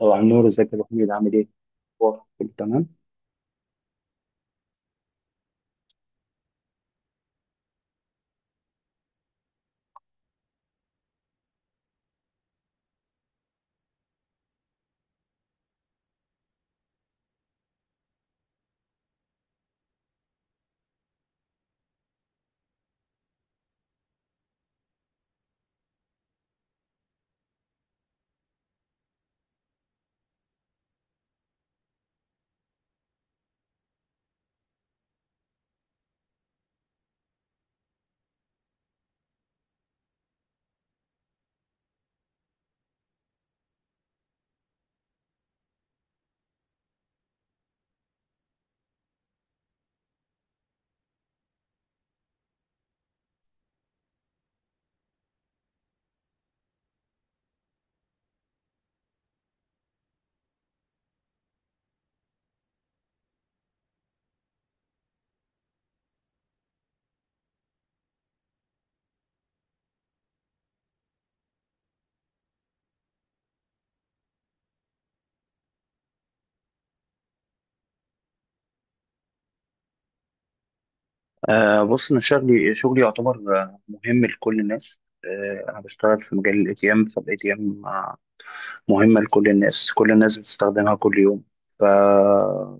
طبعا نور، ازيك يا ابو حميد؟ عامل ايه؟ أخبارك؟ كله تمام؟ بص، انا شغلي شغلي يعتبر مهم لكل الناس. انا بشتغل في مجال الاي تي ام. فالاي تي ام مهمه لكل الناس، كل الناس بتستخدمها كل يوم. ف آه،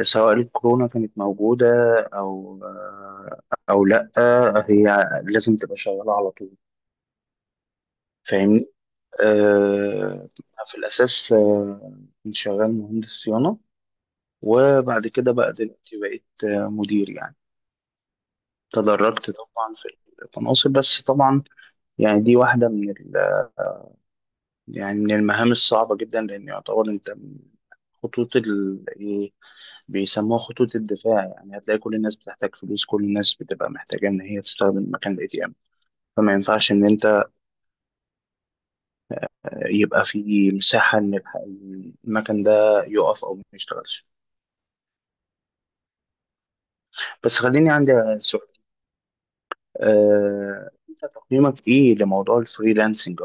سواء الكورونا كانت موجوده او آه او لا، هي لازم تبقى شغاله على طول. فاهمني؟ آه في الاساس كنت شغال مهندس صيانه، وبعد كده بقى دلوقتي بقيت مدير يعني. تدرجت طبعا في المناصب، بس طبعا يعني دي واحدة من ال... يعني من المهام الصعبة جدا، لأن يعتبر أنت من خطوط ال... إيه، بيسموها خطوط الدفاع. يعني هتلاقي كل الناس بتحتاج فلوس، كل الناس بتبقى محتاجة إن هي تستخدم مكان ال ATM. فما ينفعش إن أنت يبقى في مساحة إن المكان ده يقف أو ما يشتغلش. بس خليني عندي سؤال، أنت تقييمك إيه لموضوع الفريلانسنج؟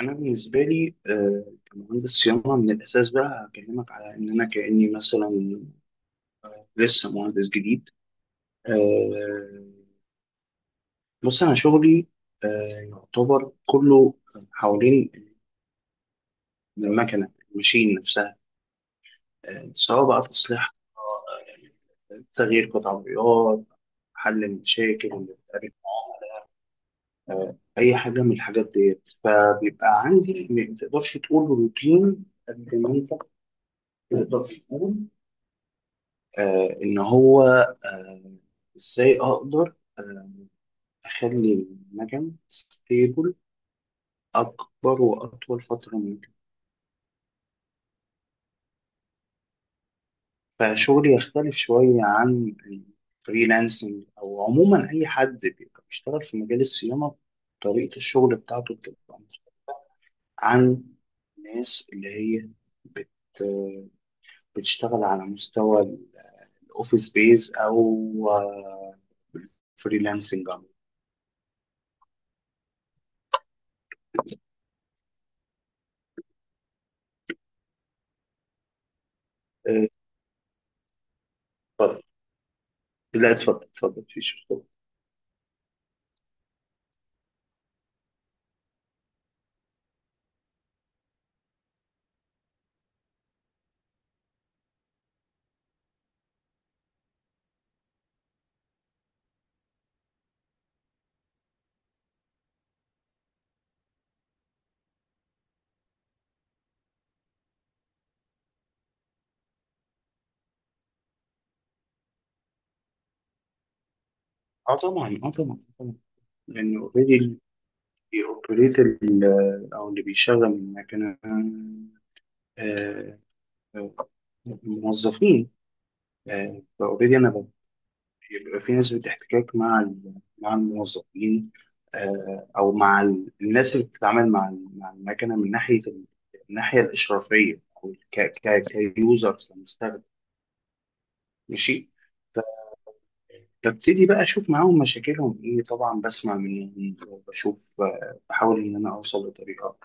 انا بالنسبه لي، كمهندس صيانه من الاساس، بقى هكلمك على ان انا كاني مثلا لسه مهندس جديد. آه، بص، انا شغلي يعتبر كله حوالين المكنه، الماشين نفسها. سواء بقى تصليح، تغيير قطع غيار، حل المشاكل اللي بتقابل اي حاجه من الحاجات ديت. فبيبقى عندي، ما تقدرش تقول روتين قد ما انت تقدر تقول آه، إن هو آه، إزاي أقدر آه، أخلي النجم ستيبل أكبر وأطول فترة ممكن. فشغلي يختلف شوية عن الفريلانسنج، أو عموما أي حد بيبقى بيشتغل في مجال الصيانة، طريقة الشغل بتاعته بتبقى مختلفة عن الناس اللي هي بت بتشتغل على مستوى الأوفيس بيز، أو آه، الفريلانسنج عموما. آه، اتفضل. لا اتفضل، اتفضل، مفيش، اتفضل. اه طبعا، اه طبعا طبعا. لان اوريدي اللي بيوبريت ال- او اللي بيشغل المكنه، آه، آه، الموظفين. فاوريدي بيبقى في نسبه احتكاك مع مع الموظفين، او مع الناس اللي بتتعامل مع مع المكنه، من ناحيه الناحيه الاشرافيه، او كيوزر، كمستخدم. ماشي، ببتدي بقى اشوف معاهم مشاكلهم ايه، طبعا بسمع منهم وبشوف، بحاول ان انا اوصل لطريقه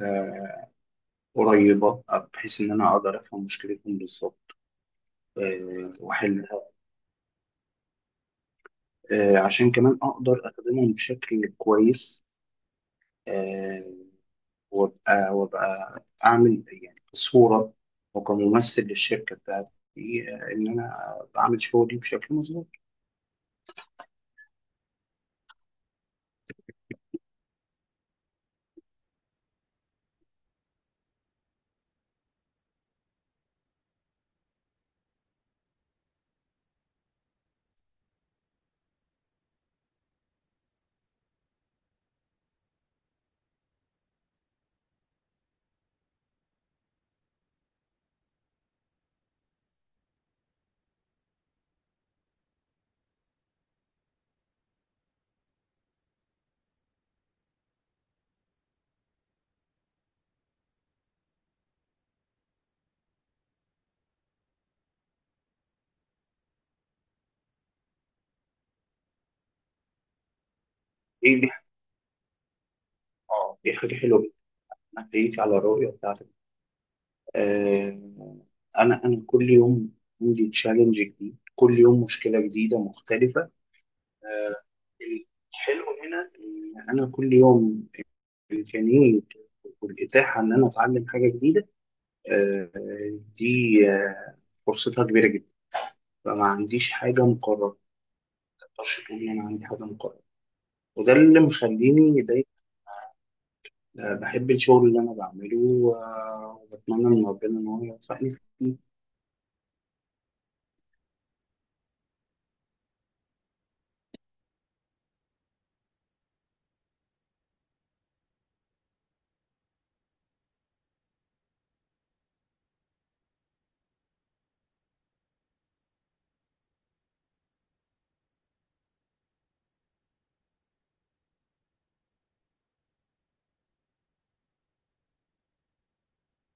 آه، قريبه، بحيث ان انا اقدر افهم مشكلتهم بالظبط واحلها، عشان كمان اقدر اخدمهم بشكل كويس. آه، وابقى اعمل يعني كصوره وكممثل للشركه بتاعتي، ان انا بعمل شغلي بشكل مظبوط. ايه دي؟ اه، دي حاجه حلوه جدا. أنا احييك على الرؤيه بتاعتك. آه، انا كل يوم عندي تشالنج جديد، كل يوم مشكله جديده مختلفه. آه، الحلو هنا ان انا كل يوم امكانيه والاتاحه ان انا اتعلم حاجه جديده، آه، دي آه، فرصتها كبيره جدا. فما عنديش حاجه مقرره، ما اقدرش اقول ان انا عندي حاجه مقرره. وده اللي مخليني دايما بحب الشغل اللي انا بعمله، وبتمنى من ربنا ان هو يوفقني فيه.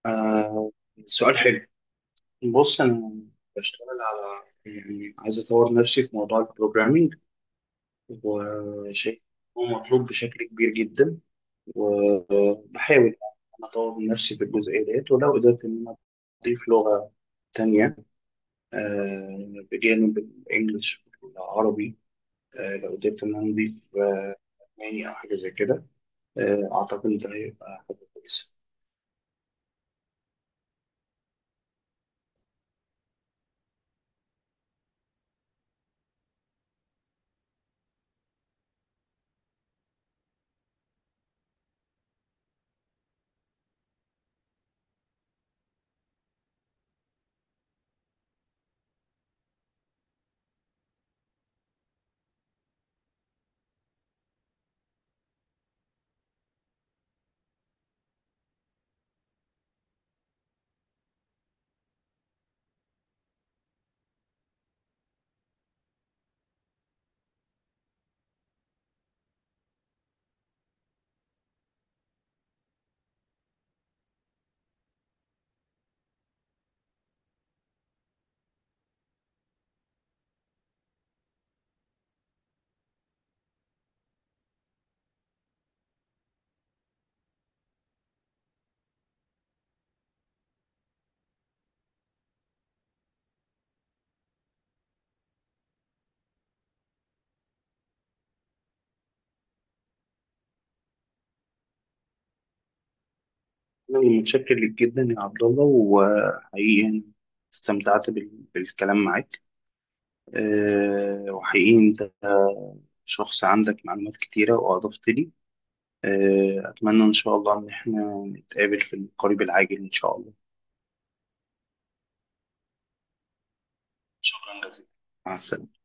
آه، سؤال حلو. بص، أنا بشتغل على، يعني عايز أطور نفسي في موضوع البروجرامينج، وشيء هو مطلوب بشكل كبير جدا. وبحاول أنا أطور من نفسي في الجزئية ديت، ولو قدرت إن أنا أضيف لغة تانية، بجانب الإنجليش والعربي، لو قدرت إن أنا أضيف ألماني أو حاجة زي كده، أعتقد إن ده هيبقى حاجة كويسة. أنا متشكر ليك جدا يا عبد الله، وحقيقي يعني استمتعت بالكلام معاك. وحقيقي أنت شخص عندك معلومات كتيرة وأضفت لي. أتمنى إن شاء الله إن إحنا نتقابل في القريب العاجل إن شاء الله. شكرا جزيلا، مع السلامة.